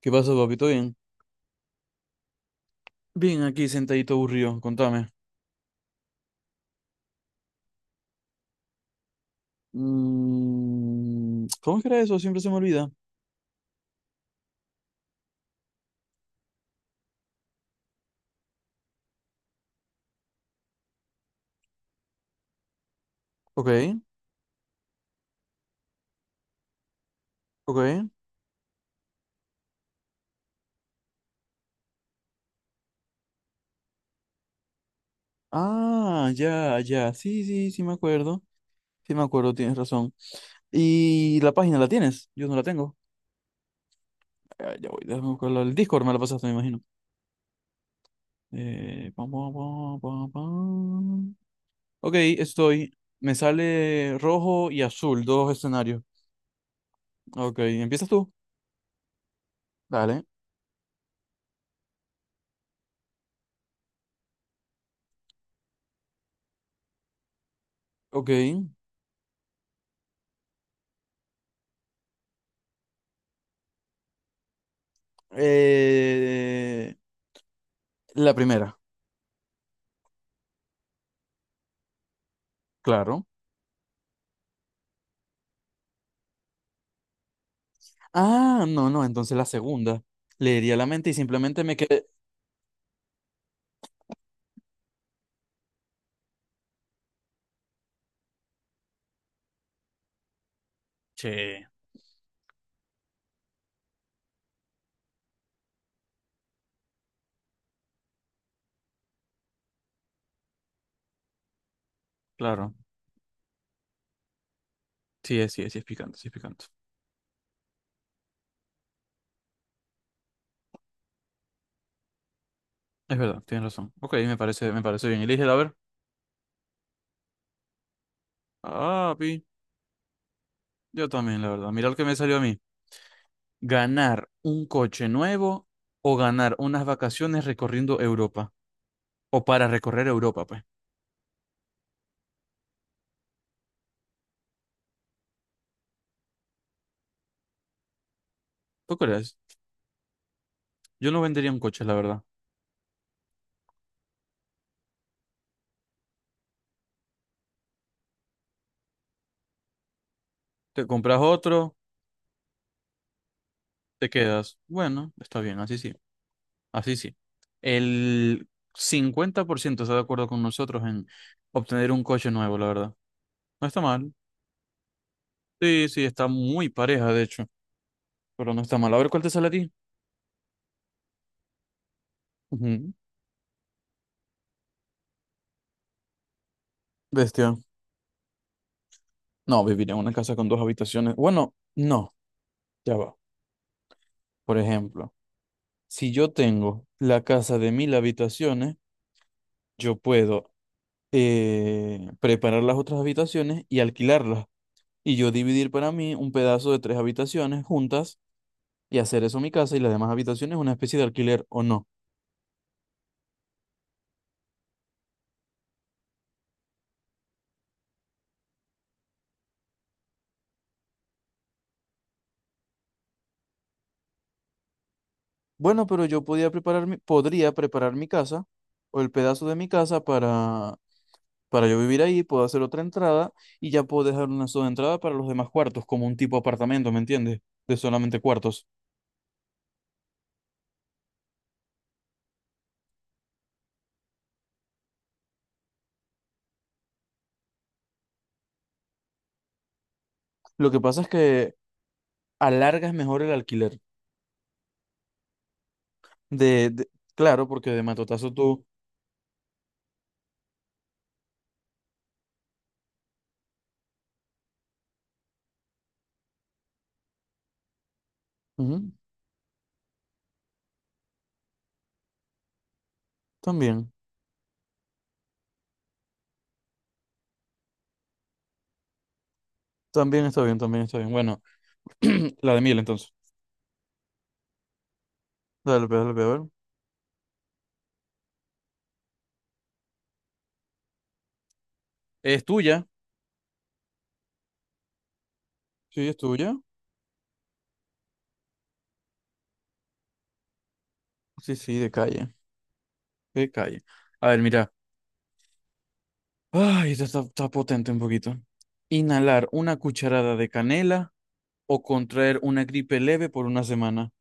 ¿Qué pasó, papito? Bien. Bien, aquí sentadito aburrido, contame. ¿Cómo es que era eso? Siempre se me olvida. Ok, ok. Ah, ya, ya. Sí, sí, sí me acuerdo. Sí me acuerdo, tienes razón. ¿Y la página la tienes? Yo no la tengo. Ah, ya voy, déjame buscarla. El Discord me la pasaste, me imagino. Pam, pam, pam, pam, pam. Ok, estoy. Me sale rojo y azul, dos escenarios. Ok, ¿empiezas tú? Dale. Ok. Eh, La primera, claro. Ah, no, no, entonces la segunda. Leería la mente y simplemente me quedé. Che, claro. Sí, es picante, sí, es picante. Es verdad, tienes razón. Ok, me parece bien. Elige, a ver. Ah, pi. Yo también, la verdad. Mira lo que me salió a mí. ¿Ganar un coche nuevo o ganar unas vacaciones recorriendo Europa? O para recorrer Europa, pues. ¿Tú crees? Yo no vendería un coche, la verdad. Te compras otro, te quedas. Bueno, está bien, así sí. Así sí. El 50% está de acuerdo con nosotros en obtener un coche nuevo, la verdad. No está mal. Sí, sí, está muy pareja, de hecho. Pero no está mal. A ver cuál te sale a ti. Ujú. Bestia. No, vivir en una casa con dos habitaciones. Bueno, no, ya va. Por ejemplo, si yo tengo la casa de mil habitaciones, yo puedo preparar las otras habitaciones y alquilarlas. Y yo dividir para mí un pedazo de tres habitaciones juntas y hacer eso mi casa y las demás habitaciones una especie de alquiler o no. Bueno, pero yo podría preparar mi casa o el pedazo de mi casa para yo vivir ahí, puedo hacer otra entrada y ya puedo dejar una sola entrada para los demás cuartos, como un tipo apartamento, ¿me entiendes? De solamente cuartos. Lo que pasa es que alargas mejor el alquiler. Claro, porque de matotazo tú... Ujú, también, también está bien, también está bien. Bueno, la de miel entonces. Dale, pues, a ver. ¿Es tuya? Sí, es tuya. Sí, sí, de calle. Qué calle. A ver, mira. Ay, esto está, está potente un poquito. Inhalar una cucharada de canela o contraer una gripe leve por una semana.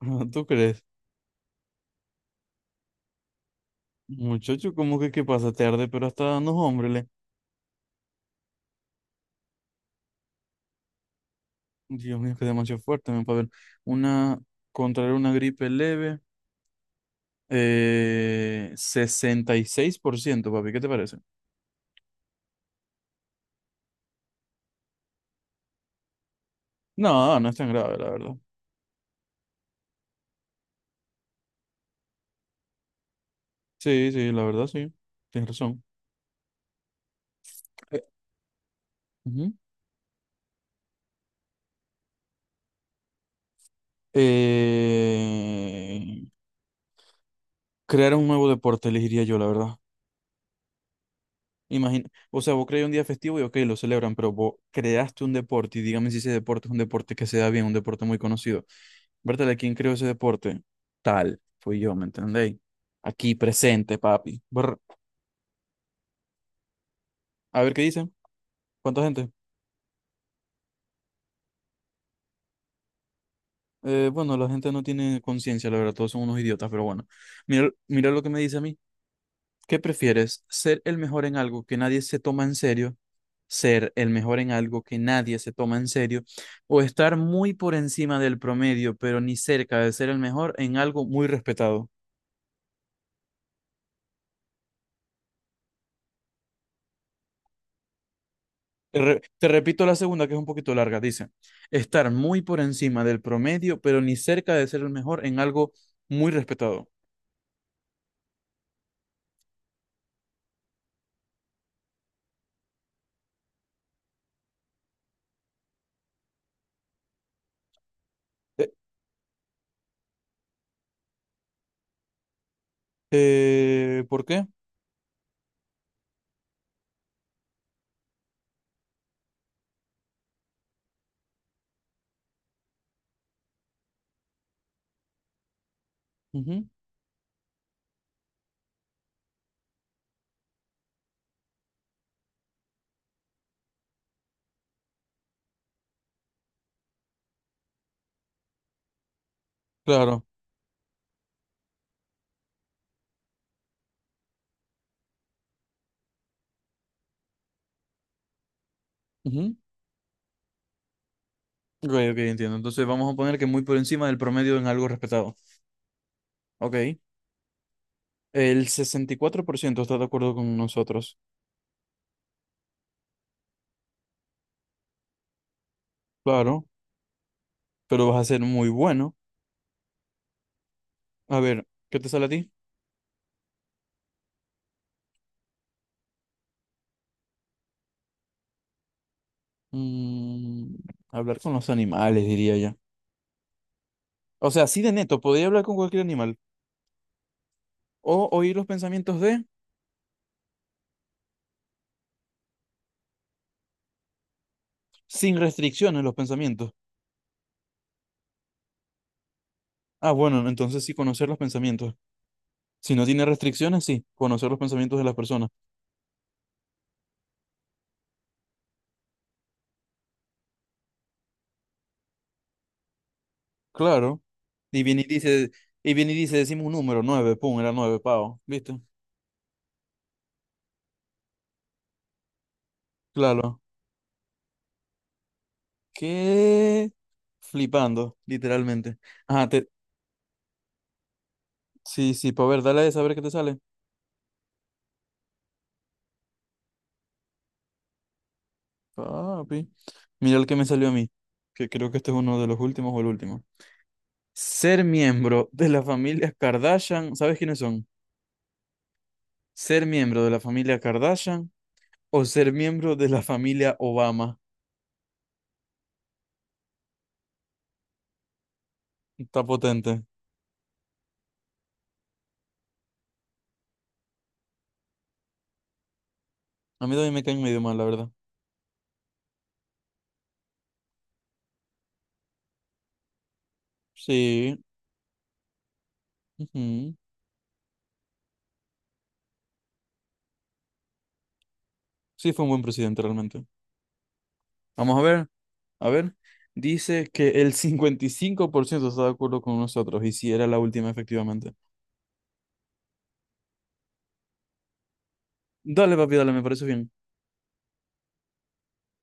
¿Tú crees? Muchacho, ¿cómo que qué pasa? Te arde, pero hasta no, hombre. Dios mío, que demasiado fuerte, me para ver. Una, contraer una gripe leve, 66%, papi, ¿qué te parece? No, no es tan grave, la verdad. Sí, sí, la verdad, sí. Tienes razón. Eh, ujú. Eh, Crear un nuevo deporte, elegiría yo, la verdad. Imagina, o sea, vos creas un día festivo y ok, lo celebran, pero vos creaste un deporte y dígame si ese deporte es un deporte que se da bien, un deporte muy conocido. Bertale, ¿quién creó ese deporte? Tal, fui yo, ¿me entendéis? Aquí presente, papi. Brr. A ver qué dice. ¿Cuánta gente? Bueno, la gente no tiene conciencia, la verdad, todos son unos idiotas, pero bueno. Mira, mira lo que me dice a mí. ¿Qué prefieres? ¿Ser el mejor en algo que nadie se toma en serio? ¿Ser el mejor en algo que nadie se toma en serio? ¿O estar muy por encima del promedio, pero ni cerca de ser el mejor en algo muy respetado? Te repito la segunda, que es un poquito larga. Dice, estar muy por encima del promedio, pero ni cerca de ser el mejor en algo muy respetado. Eh, ¿por qué? Ujú, claro. Ujú. Ok, ok, entiendo. Entonces vamos a poner que muy por encima del promedio en algo respetado. Ok. El 64% está de acuerdo con nosotros. Claro, pero vas a ser muy bueno. A ver, ¿qué te sale a ti? Mm, hablar con los animales, diría ya. O sea, así de neto, podría hablar con cualquier animal. O oír los pensamientos de, sin restricciones, los pensamientos. Ah, bueno, entonces sí, conocer los pensamientos. Si no tiene restricciones, sí, conocer los pensamientos de las personas. Claro. Y viene y dice, y viene y dice, decimos un número, nueve, pum, era nueve, pavo, ¿viste? Claro. ¿Qué? Flipando, literalmente. Ajá, sí, sí, para ver, dale a ver qué te sale. Papi. Mira el que me salió a mí, que creo que este es uno de los últimos o el último. Ser miembro de la familia Kardashian, ¿sabes quiénes son? Ser miembro de la familia Kardashian o ser miembro de la familia Obama. Está potente. A mí también me caen medio mal, la verdad. Sí. Ujú. Sí, fue un buen presidente realmente. Vamos a ver. A ver, dice que el 55% está de acuerdo con nosotros y si era la última, efectivamente. Dale, papi, dale, me parece bien.